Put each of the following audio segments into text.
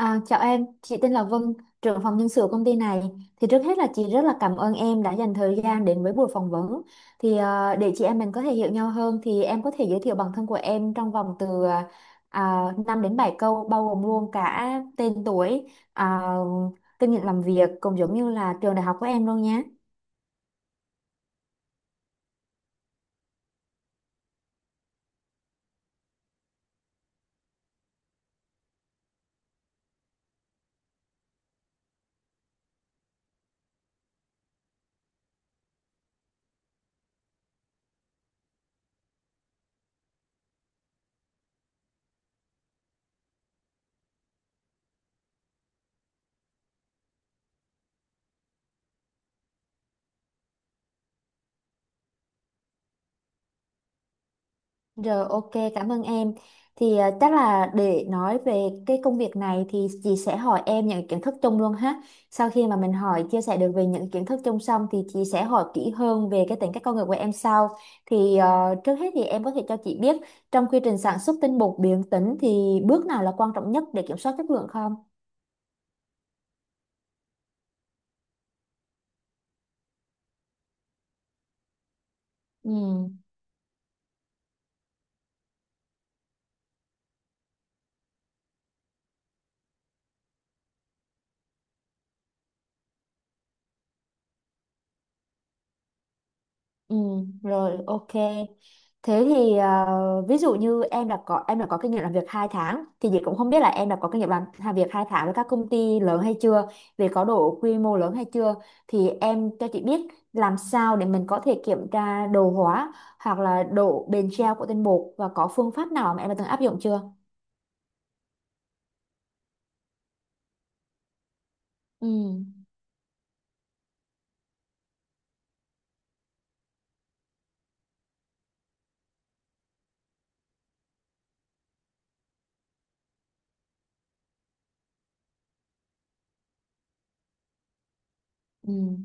À, chào em, chị tên là Vân, trưởng phòng nhân sự công ty này. Thì trước hết là chị rất là cảm ơn em đã dành thời gian đến với buổi phỏng vấn. Thì để chị em mình có thể hiểu nhau hơn thì em có thể giới thiệu bản thân của em trong vòng từ 5 đến 7 câu bao gồm luôn cả tên tuổi, à, kinh nghiệm làm việc cũng giống như là trường đại học của em luôn nhé. Rồi, ok, cảm ơn em. Thì chắc là để nói về cái công việc này thì chị sẽ hỏi em những kiến thức chung luôn ha. Sau khi mà mình hỏi chia sẻ được về những kiến thức chung xong thì chị sẽ hỏi kỹ hơn về cái tính cách con người của em sau. Thì trước hết thì em có thể cho chị biết trong quy trình sản xuất tinh bột biến tính thì bước nào là quan trọng nhất để kiểm soát chất lượng không? Ừ. Ừ, rồi ok. Thế thì ví dụ như em đã có kinh nghiệm làm việc 2 tháng thì chị cũng không biết là em đã có kinh nghiệm làm việc 2 tháng với các công ty lớn hay chưa, về có độ quy mô lớn hay chưa thì em cho chị biết làm sao để mình có thể kiểm tra đồ hóa hoặc là độ bền treo của tinh bột và có phương pháp nào mà em đã từng áp dụng chưa? Ừ. Ừ.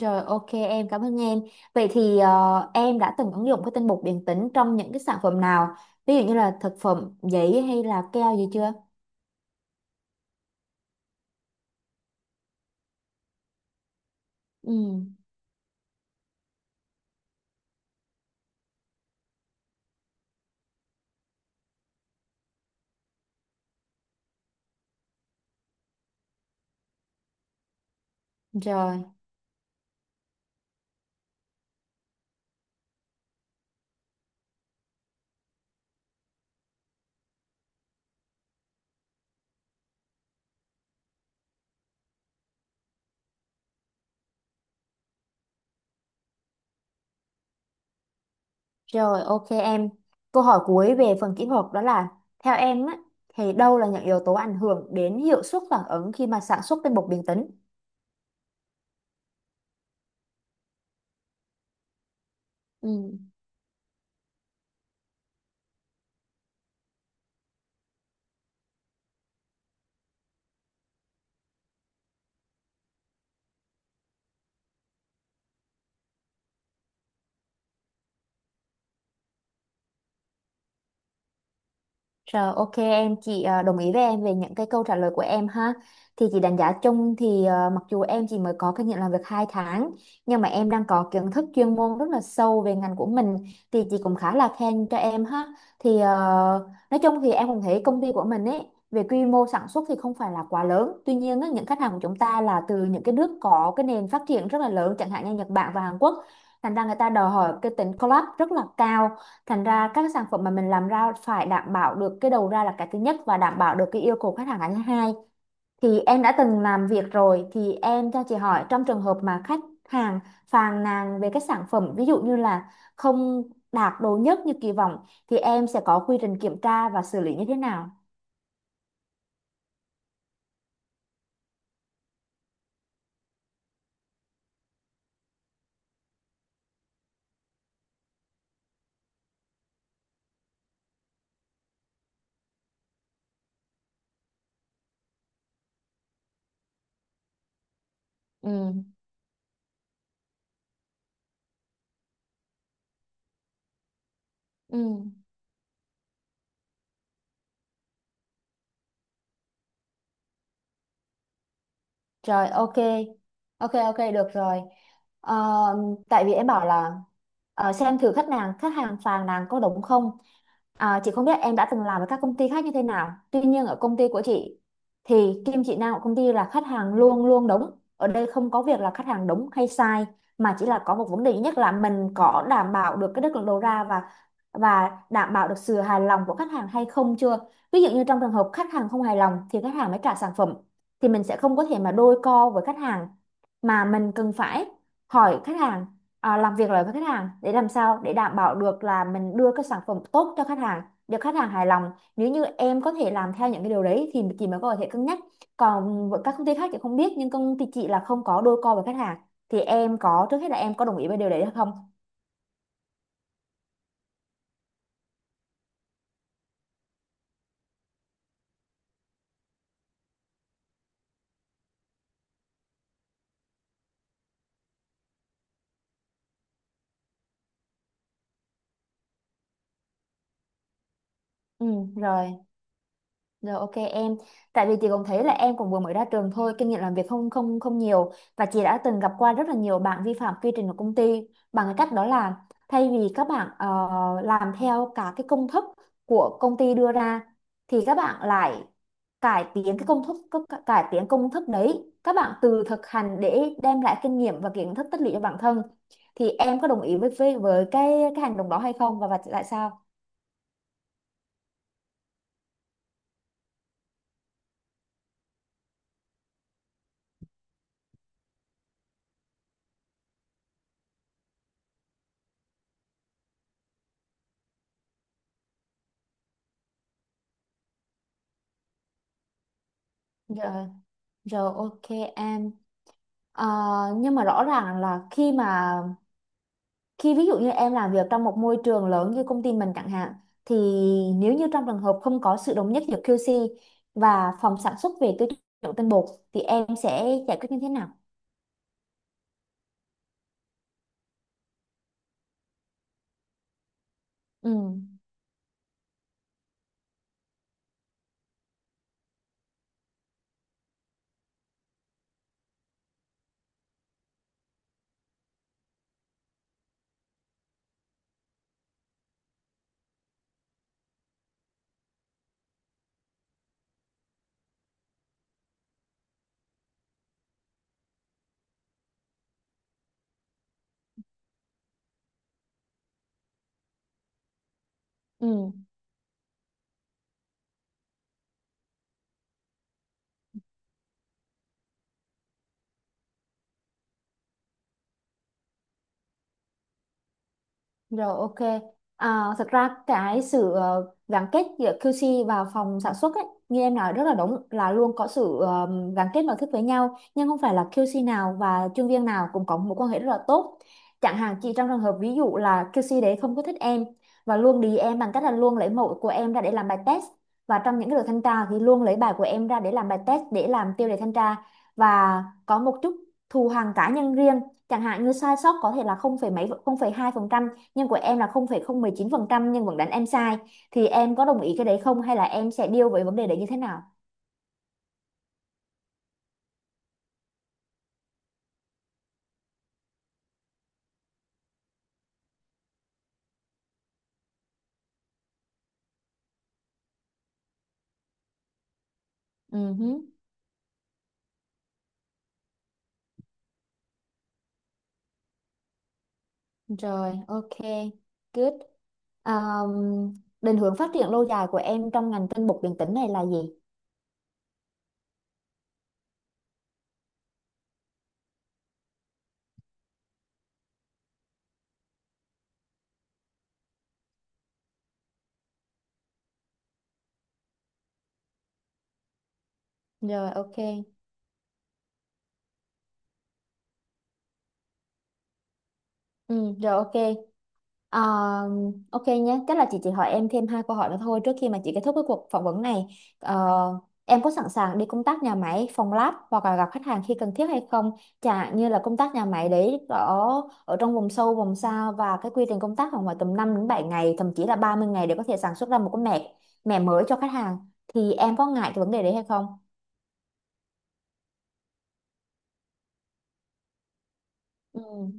Rồi ok em, cảm ơn em. Vậy thì em đã từng ứng dụng cái tinh bột điện tính trong những cái sản phẩm nào? Ví dụ như là thực phẩm, giấy hay là keo gì chưa? Ừ. Rồi, rồi ok em. Câu hỏi cuối về phần kỹ thuật đó là theo em á thì đâu là những yếu tố ảnh hưởng đến hiệu suất phản ứng khi mà sản xuất tinh bột điện tính? Ừ. Rồi ok em, chị đồng ý với em về những cái câu trả lời của em ha. Thì chị đánh giá chung thì mặc dù em chỉ mới có kinh nghiệm làm việc 2 tháng nhưng mà em đang có kiến thức chuyên môn rất là sâu về ngành của mình thì chị cũng khá là khen cho em ha. Thì nói chung thì em cũng thấy công ty của mình ấy về quy mô sản xuất thì không phải là quá lớn. Tuy nhiên á, những khách hàng của chúng ta là từ những cái nước có cái nền phát triển rất là lớn chẳng hạn như Nhật Bản và Hàn Quốc. Thành ra người ta đòi hỏi cái tính collab rất là cao, thành ra các cái sản phẩm mà mình làm ra phải đảm bảo được cái đầu ra là cái thứ nhất và đảm bảo được cái yêu cầu khách hàng là thứ hai. Thì em đã từng làm việc rồi thì em cho chị hỏi, trong trường hợp mà khách hàng phàn nàn về cái sản phẩm ví dụ như là không đạt đồ nhất như kỳ vọng thì em sẽ có quy trình kiểm tra và xử lý như thế nào? Ừ. Ừ. Rồi ok. Ok, ok, được rồi. Ờ, tại vì em bảo là xem thử khách hàng phàn nàn có đúng không. À, chị không biết em đã từng làm với các công ty khác như thế nào. Tuy nhiên ở công ty của chị thì kim chỉ nam của công ty là khách hàng luôn luôn đúng. Ở đây không có việc là khách hàng đúng hay sai mà chỉ là có một vấn đề duy nhất là mình có đảm bảo được cái chất lượng đầu ra và đảm bảo được sự hài lòng của khách hàng hay không chưa. Ví dụ như trong trường hợp khách hàng không hài lòng thì khách hàng mới trả sản phẩm, thì mình sẽ không có thể mà đôi co với khách hàng mà mình cần phải hỏi khách hàng, làm việc lại với khách hàng để làm sao để đảm bảo được là mình đưa cái sản phẩm tốt cho khách hàng, được khách hàng hài lòng. Nếu như em có thể làm theo những cái điều đấy thì chị mới có thể cân nhắc, còn với các công ty khác chị không biết, nhưng công ty chị là không có đôi co với khách hàng. Thì em có, trước hết là em có đồng ý với điều đấy hay không? Ừ. Rồi. Rồi ok em, tại vì chị cũng thấy là em cũng vừa mới ra trường thôi, kinh nghiệm làm việc không không không nhiều và chị đã từng gặp qua rất là nhiều bạn vi phạm quy trình của công ty bằng cái cách đó là, thay vì các bạn làm theo cả cái công thức của công ty đưa ra thì các bạn lại cải tiến cái công thức, cải tiến công thức đấy, các bạn tự thực hành để đem lại kinh nghiệm và kiến thức tích lũy cho bản thân. Thì em có đồng ý với cái hành động đó hay không, và tại sao? Rồi, rồi ok em. Ờ, nhưng mà rõ ràng là khi mà khi ví dụ như em làm việc trong một môi trường lớn như công ty mình chẳng hạn, thì nếu như trong trường hợp không có sự đồng nhất giữa QC và phòng sản xuất về tiêu chuẩn tinh bột thì em sẽ giải quyết như thế nào? Ừ, ừ. Rồi ok. À, thật ra cái sự gắn kết giữa QC và phòng sản xuất ấy, như em nói rất là đúng, là luôn có sự gắn kết mật thiết với nhau, nhưng không phải là QC nào và chuyên viên nào cũng có mối quan hệ rất là tốt. Chẳng hạn chị trong trường hợp ví dụ là QC đấy không có thích em và luôn đì em bằng cách là luôn lấy mẫu của em ra để làm bài test, và trong những cái đợt thanh tra thì luôn lấy bài của em ra để làm bài test, để làm tiêu đề thanh tra, và có một chút thù hằn cá nhân riêng, chẳng hạn như sai sót có thể là không phẩy mấy không phẩy hai nhưng của em là 0,019% nhưng vẫn đánh em sai, thì em có đồng ý cái đấy không, hay là em sẽ deal với vấn đề đấy như thế nào? Ừ hứ. Rồi ok, good. um, định hướng phát triển lâu dài của em trong ngành tinh bột điện tử này là gì? Rồi ok. Ừ, rồi ok. Ờ, ok nhé, tức là chị chỉ hỏi em thêm 2 câu hỏi nữa thôi trước khi mà chị kết thúc cái cuộc phỏng vấn này. Ờ, em có sẵn sàng đi công tác nhà máy, phòng lab hoặc là gặp khách hàng khi cần thiết hay không? Chả như là công tác nhà máy đấy ở ở trong vùng sâu, vùng xa và cái quy trình công tác khoảng ngoài tầm 5 đến 7 ngày, thậm chí là 30 ngày để có thể sản xuất ra một cái mẻ mẻ mới cho khách hàng. Thì em có ngại cái vấn đề đấy hay không? Ừ.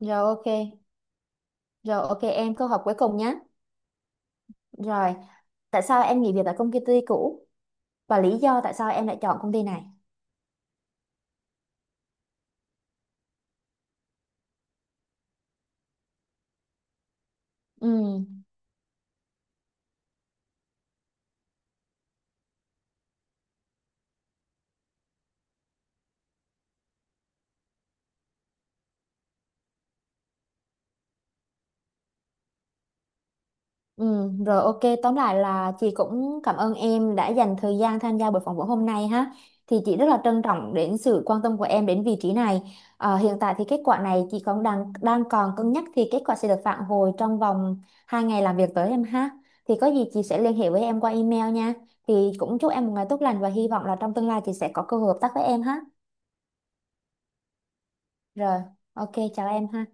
Rồi ok, rồi ok em, câu hỏi cuối cùng nhé. Rồi, tại sao em nghỉ việc tại công ty cũ? Và lý do tại sao em lại chọn công ty này. Ừ, ừ, rồi ok, tóm lại là chị cũng cảm ơn em đã dành thời gian tham gia buổi phỏng vấn hôm nay ha. Thì chị rất là trân trọng đến sự quan tâm của em đến vị trí này. Hiện tại thì kết quả này chị còn đang đang còn cân nhắc, thì kết quả sẽ được phản hồi trong vòng 2 ngày làm việc tới em ha. Thì có gì chị sẽ liên hệ với em qua email nha. Thì cũng chúc em một ngày tốt lành và hy vọng là trong tương lai chị sẽ có cơ hội hợp tác với em ha. Rồi, ok, chào em ha.